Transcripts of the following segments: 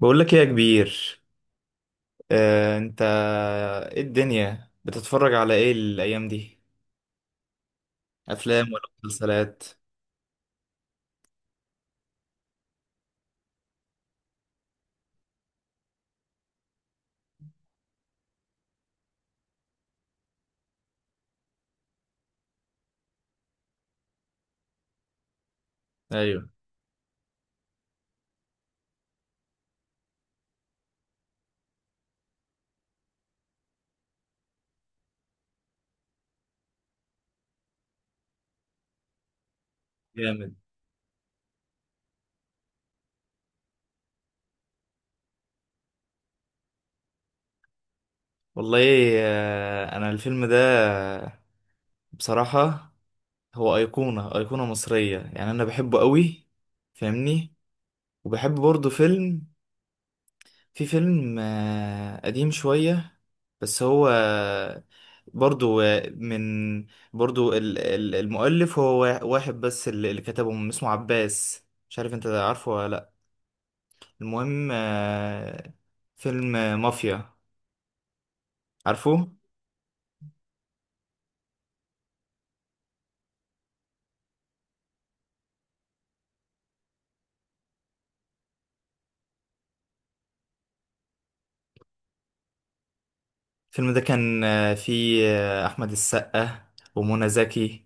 بقول لك ايه يا كبير. انت ايه الدنيا بتتفرج على ايه الايام دي؟ افلام ولا مسلسلات؟ ايوه. جامد. والله. انا الفيلم ده بصراحة هو ايقونة مصرية، يعني انا بحبه قوي. فاهمني؟ وبحب برضه فيلم، في فيلم قديم شوية، بس هو آه، برضو آه، من برضو ال- ال- المؤلف هو واحد بس اللي كتبه، من اسمه عباس. مش عارف انت عارفه ولا لأ. المهم فيلم مافيا. عارفه الفيلم ده كان فيه أحمد السقا ومنى زكي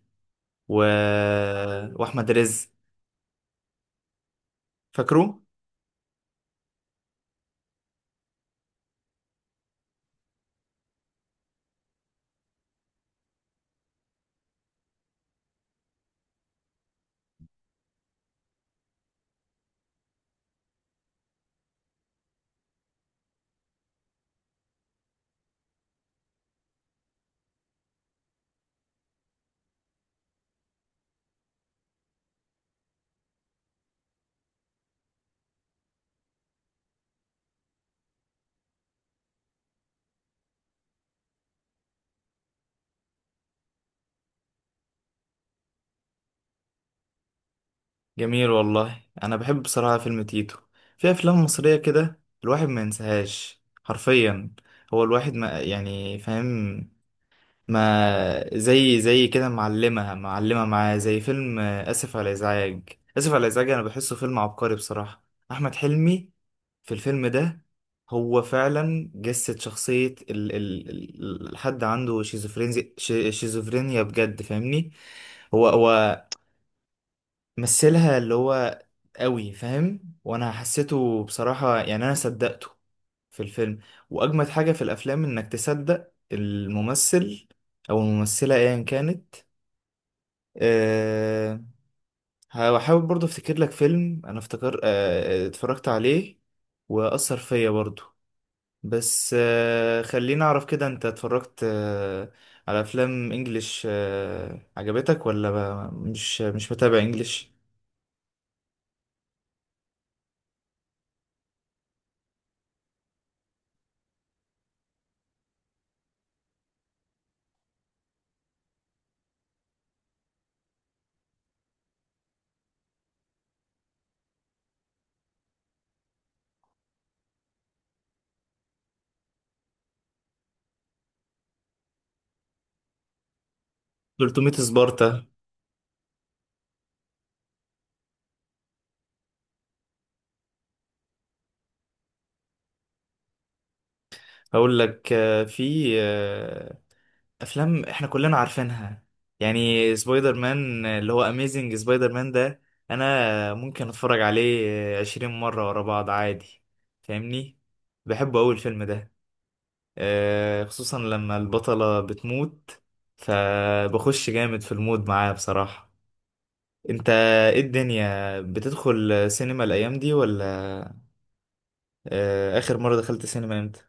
و... آه، وأحمد رزق. فاكره؟ جميل والله. انا بحب بصراحه فيلم تيتو. في افلام مصريه كده الواحد ما ينساهاش حرفيا. هو الواحد ما، يعني فاهم، ما زي كده معلمه معاه، زي فيلم اسف على الازعاج. اسف على الازعاج انا بحسه فيلم عبقري بصراحه. احمد حلمي في الفيلم ده هو فعلا جسد شخصيه الحد عنده شيزوفرينيا. شيزوفرينيا بجد، فاهمني؟ هو مثلها، اللي هو قوي فاهم، وانا حسيته بصراحة، يعني انا صدقته في الفيلم. واجمد حاجة في الافلام انك تصدق الممثل او الممثلة ايا كانت. أه. هحاول برضه افتكر لك فيلم انا افتكر أه اتفرجت عليه واثر فيا برضه. بس أه خليني اعرف كده، انت اتفرجت أه على افلام انجليش أه عجبتك ولا مش متابع انجليش؟ 300 سبارتا. هقول لك آه، في آه، افلام احنا كلنا عارفينها، يعني سبايدر مان، اللي هو اميزنج سبايدر مان ده انا ممكن اتفرج عليه عشرين مرة ورا بعض عادي. فاهمني؟ بحبه اوي الفيلم ده. خصوصا لما البطلة بتموت، فبخش جامد في المود معاه بصراحة. انت ايه الدنيا، بتدخل سينما الايام دي ولا؟ اخر مرة دخلت سينما امتى؟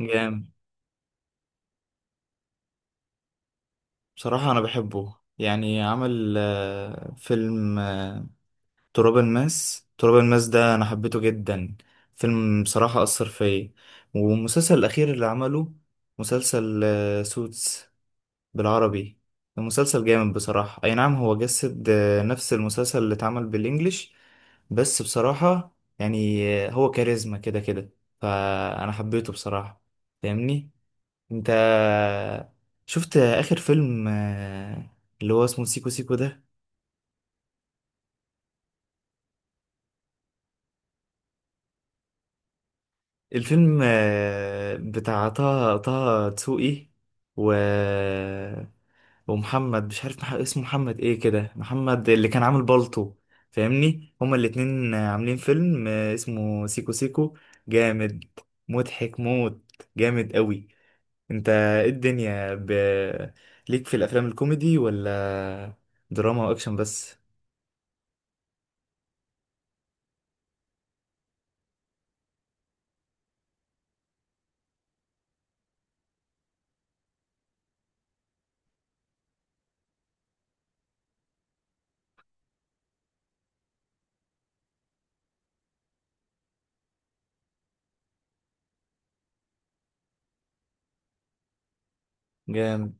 جامد. بصراحة أنا بحبه، يعني عمل فيلم تراب الماس. تراب الماس ده أنا حبيته جدا، فيلم بصراحة أثر فيا. والمسلسل الأخير اللي عمله، مسلسل سوتس بالعربي، المسلسل جامد بصراحة. أي نعم هو جسد نفس المسلسل اللي اتعمل بالإنجليش، بس بصراحة هو كاريزما كده كده، فأنا حبيته بصراحة. فاهمني؟ انت شفت اخر فيلم اللي هو اسمه سيكو سيكو ده؟ الفيلم بتاع طه دسوقي و... ومحمد مش عارف اسمه محمد ايه كده، محمد اللي كان عامل بالطو. فاهمني؟ هما الاتنين عاملين فيلم اسمه سيكو سيكو. جامد، مضحك موت، جامد قوي. انت ايه الدنيا ب... ليك في الافلام الكوميدي ولا دراما واكشن بس؟ جامد.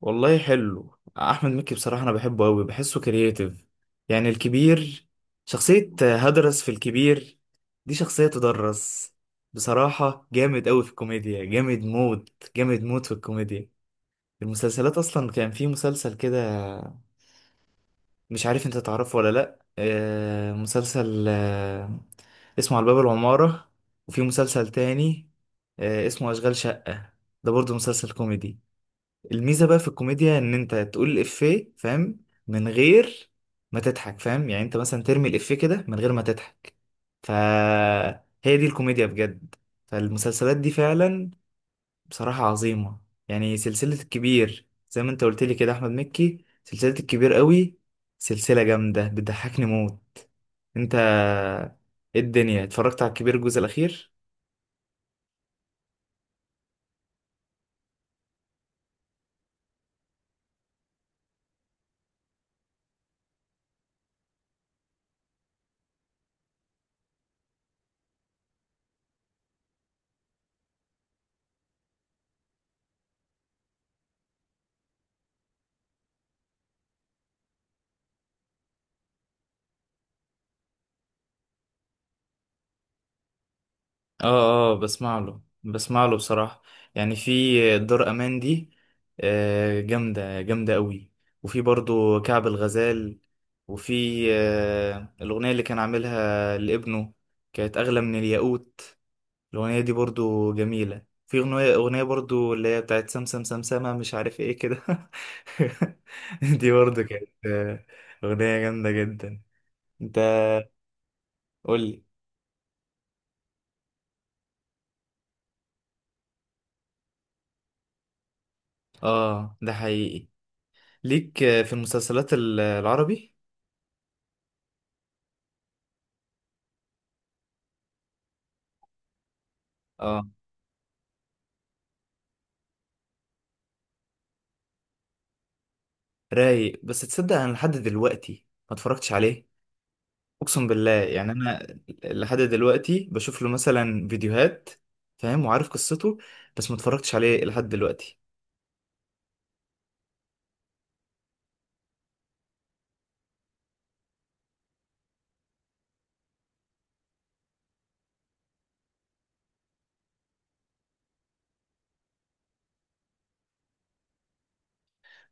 والله حلو احمد مكي بصراحه، انا بحبه قوي، بحسه كرييتيف. يعني الكبير، شخصيه هدرس في الكبير دي، شخصيه تدرس بصراحه. جامد قوي في الكوميديا، جامد موت، في الكوميديا. المسلسلات اصلا كان في مسلسل كده مش عارف انت تعرفه ولا لا، مسلسل اسمه على باب العماره. وفي مسلسل تاني اسمه اشغال شقه، ده برضه مسلسل كوميدي. الميزه بقى في الكوميديا ان انت تقول الافيه، فاهم، من غير ما تضحك، فاهم؟ يعني انت مثلا ترمي الافيه كده من غير ما تضحك، فهي دي الكوميديا بجد. فالمسلسلات دي فعلا بصراحه عظيمه. يعني سلسله الكبير زي ما انت قلت لي كده، احمد مكي، سلسله الكبير قوي، سلسله جامده، بتضحكني موت. انت ايه الدنيا، اتفرجت على الكبير الجزء الاخير؟ اه. اه، بسمع له، بصراحة. يعني في دار امان دي، جامدة قوي. وفي برضو كعب الغزال. وفي الأغنية اللي كان عاملها لابنه، كانت أغلى من الياقوت، الأغنية دي برضو جميلة. في أغنية برضو اللي هي بتاعت سمسم سمسمة مش عارف ايه كده. دي برضو كانت أغنية جامدة جدا. انت قولي. اه، ده حقيقي. ليك في المسلسلات العربي؟ اه، رايق. بس تصدق انا لحد دلوقتي ما اتفرجتش عليه. اقسم بالله، يعني انا لحد دلوقتي بشوف له مثلا فيديوهات، فاهم، وعارف قصته، بس ما اتفرجتش عليه لحد دلوقتي.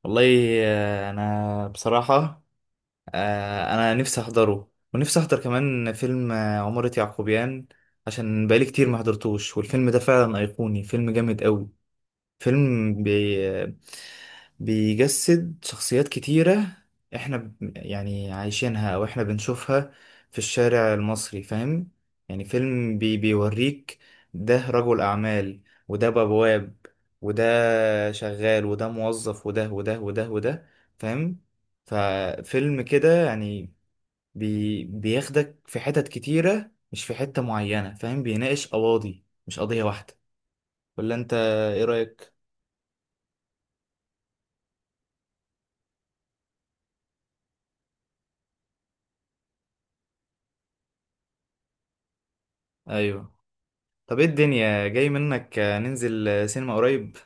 والله انا بصراحة، انا نفسي احضره، ونفسي احضر كمان فيلم عمارة يعقوبيان، عشان بقالي كتير ما حضرتوش. والفيلم ده فعلا ايقوني، فيلم جامد قوي. فيلم بي... بيجسد شخصيات كتيرة احنا ب... يعني عايشينها او احنا بنشوفها في الشارع المصري، فاهم؟ يعني فيلم بي... بيوريك، ده رجل اعمال، وده بواب، وده شغال، وده موظف، وده وده وده وده. فاهم؟ ففيلم كده يعني بي... بياخدك في حتت كتيرة، مش في حتة معينة، فاهم؟ بيناقش قواضي مش قضية واحدة. ولا انت ايه رأيك؟ ايوه. طب ايه الدنيا جاي منك ننزل سينما قريب؟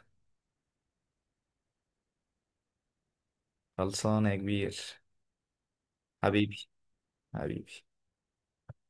خلصانة يا كبير. حبيبي. حبيبي.